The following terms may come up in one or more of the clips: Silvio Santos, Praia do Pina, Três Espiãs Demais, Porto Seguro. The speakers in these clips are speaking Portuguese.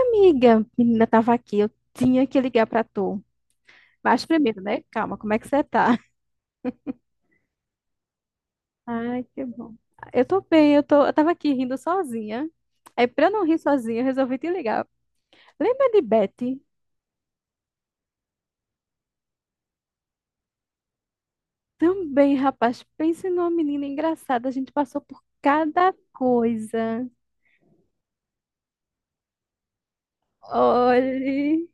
Amiga, menina tava aqui, eu tinha que ligar pra tu. Mas primeiro, né? Calma, como é que você tá? Ai, que bom. Eu tô bem, eu tava aqui rindo sozinha. Aí pra eu não rir sozinha, eu resolvi te ligar. Lembra de Betty? Também, rapaz, pense numa menina engraçada, a gente passou por cada coisa. Olhe,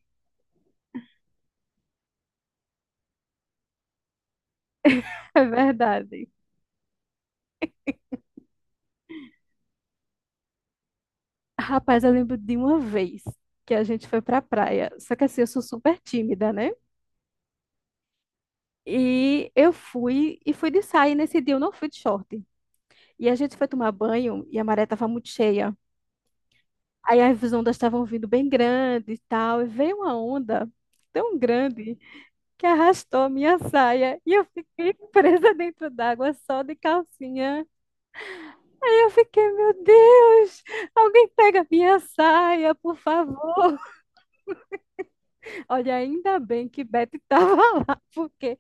é verdade. Rapaz, eu lembro de uma vez que a gente foi pra praia. Só que assim, eu sou super tímida, né? E eu fui e fui de saia. E nesse dia eu não fui de short. E a gente foi tomar banho e a maré estava muito cheia. Aí as ondas estavam vindo bem grande e tal. E veio uma onda tão grande que arrastou a minha saia. E eu fiquei presa dentro d'água só de calcinha. E eu fiquei, meu Deus, alguém pega minha saia, por favor. Olha, ainda bem que Beth estava lá, porque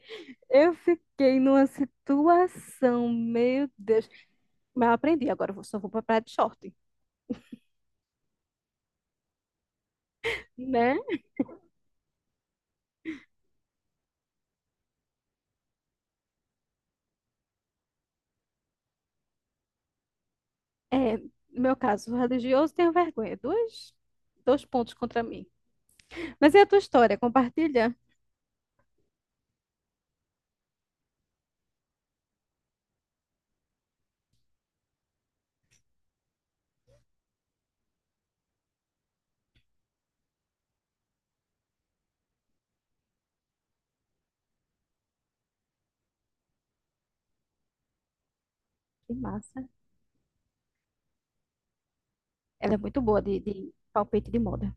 eu fiquei numa situação, meu Deus. Mas eu aprendi, agora eu só vou pra praia de short. Né? É, no meu caso, religioso, tenho vergonha. Dois, dois pontos contra mim. Mas e a tua história? Compartilha. Que massa. Ela é muito boa de palpite de moda.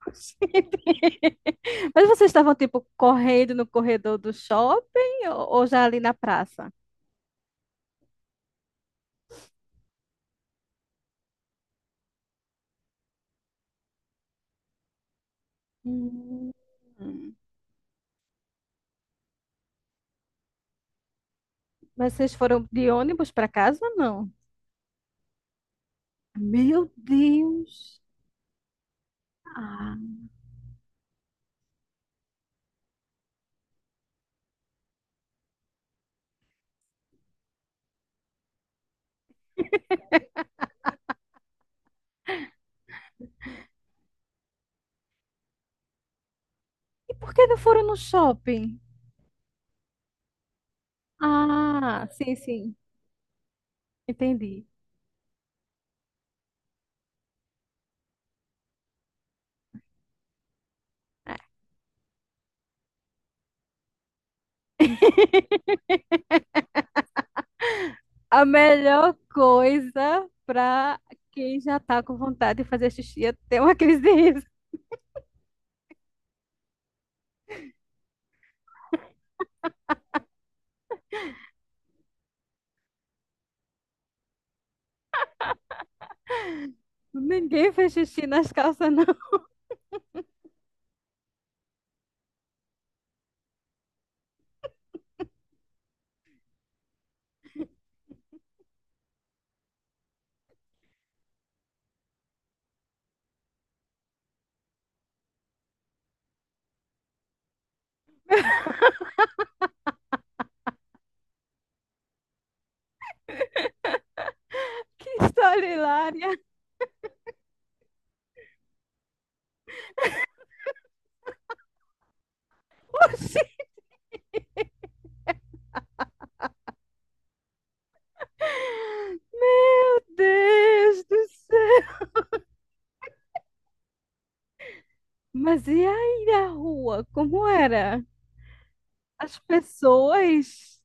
Mas vocês estavam, tipo, correndo no corredor do shopping ou já ali na praça? Hum. Mas vocês foram de ônibus para casa ou não? Meu Deus! Ah, e por que não foram no shopping? Ah, sim, sim, entendi. A melhor coisa para quem já tá com vontade de fazer xixi é ter uma crise de riso. Ninguém fez xixi nas calças, não. Que história hilária! Oxi, meu Deus do céu! Mas e aí a rua? Como era? As pessoas,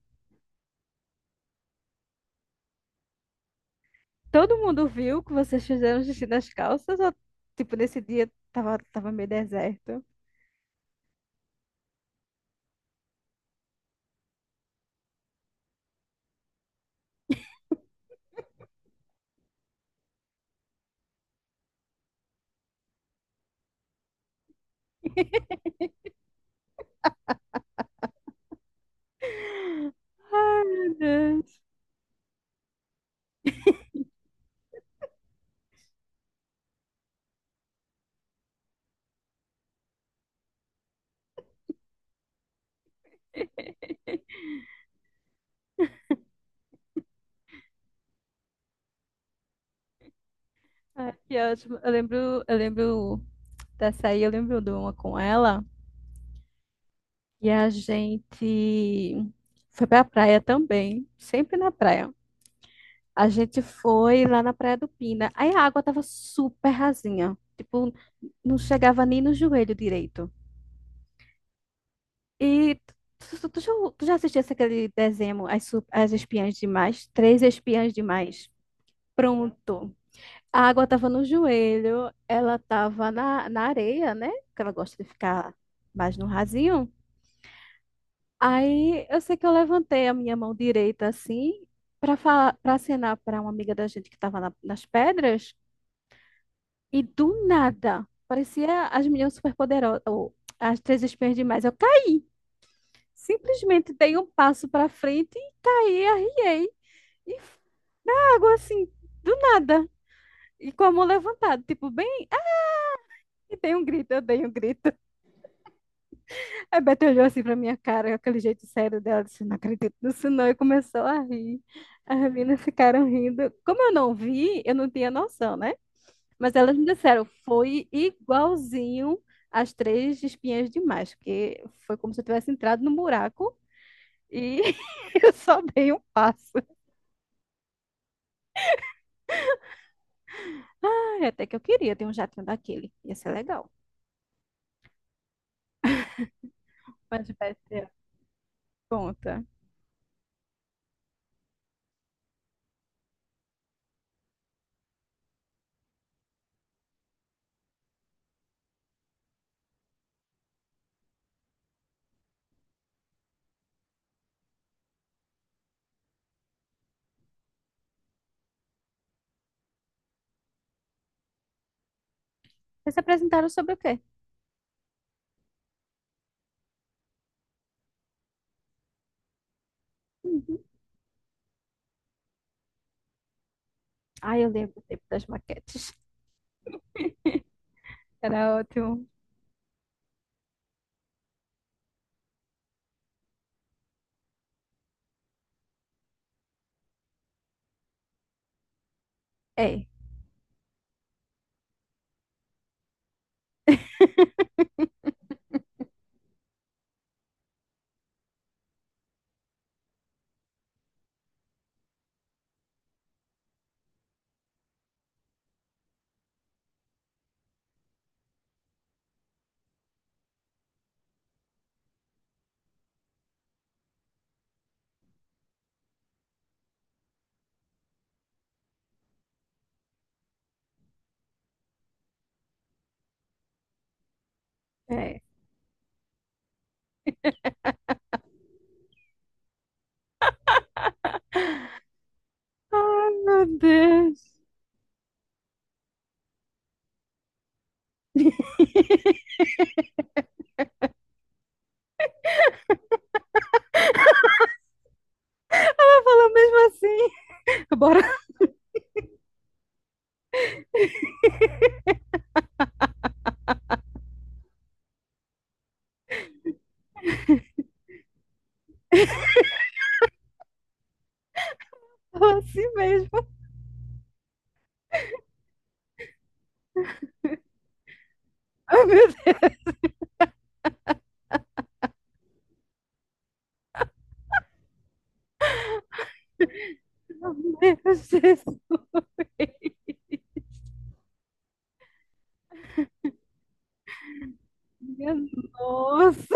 todo mundo viu que vocês fizeram xixi nas calças ou, tipo, nesse dia tava meio deserto? Ai, meu Deus. Ai, que ótimo. Eu lembro dessa aí, eu lembro de uma com ela e a gente foi pra praia também, sempre na praia. A gente foi lá na Praia do Pina. Aí a água tava super rasinha, tipo, não chegava nem no joelho direito. E tu, tu- tu já, tu já assistisse aquele desenho, As Espiãs Demais? Três Espiãs Demais. Pronto. A água tava no joelho, ela tava na, areia, né? Porque ela gosta de ficar mais no rasinho. Aí eu sei que eu levantei a minha mão direita assim, para para pra acenar pra uma amiga da gente que estava nas pedras. E do nada, parecia as meninas superpoderosas, ou as três espiãs demais. Eu caí. Simplesmente dei um passo para frente e caí, arriei. E f- Na água, assim, do nada. E com a mão levantada, tipo, bem, e dei um grito, eu dei um grito. A Beth olhou assim pra minha cara, com aquele jeito sério dela, disse, não acredito nisso não, e começou a rir. As meninas ficaram rindo. Como eu não vi, eu não tinha noção, né? Mas elas me disseram, foi igualzinho as três espinhas demais, porque foi como se eu tivesse entrado no buraco e eu só dei um passo. Ai, até que eu queria ter um jatinho daquele. Ia ser legal. Mas vai ser? Conta. Vocês se apresentaram sobre o quê? Uhum. Ai, eu lembro do tempo das maquetes. Era ótimo. É, é. Ai, meu Deus. Ela falou mesmo assim. Bora falar assim mesmo. Ai, meu Deus. Meu Deus, Jesus. Minha nossa.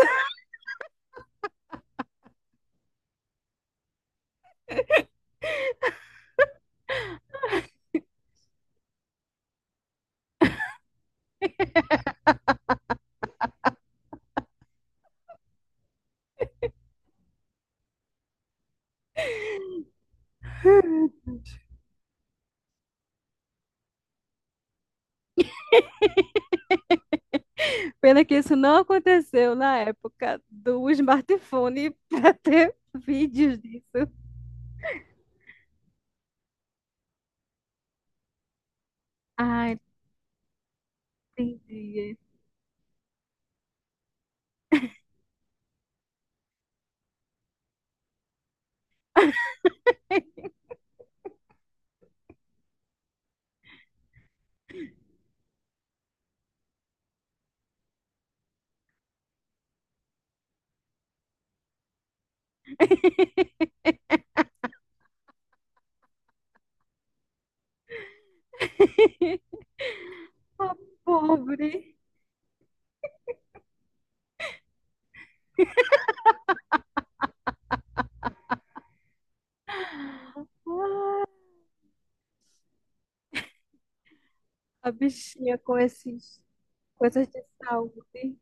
Pena que isso não aconteceu na época do smartphone para ter vídeos disso. Ah, entendi. A pobre, a bichinha com esses coisas de saúde.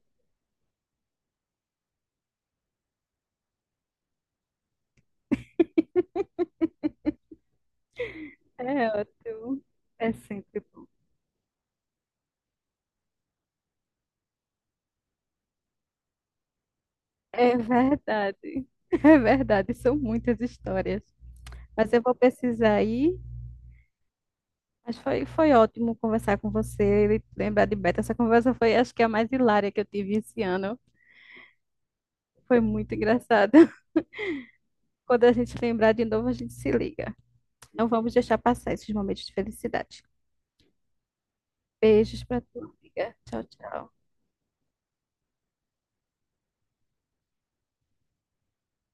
É ótimo. É sempre bom. É verdade. É verdade, são muitas histórias. Mas eu vou precisar ir. Mas foi ótimo conversar com você e lembrar de Beto. Essa conversa foi, acho que, a mais hilária que eu tive esse ano. Foi muito engraçado. Quando a gente lembrar de novo, a gente se liga. Não vamos deixar passar esses momentos de felicidade. Beijos pra tu, amiga. Tchau, tchau.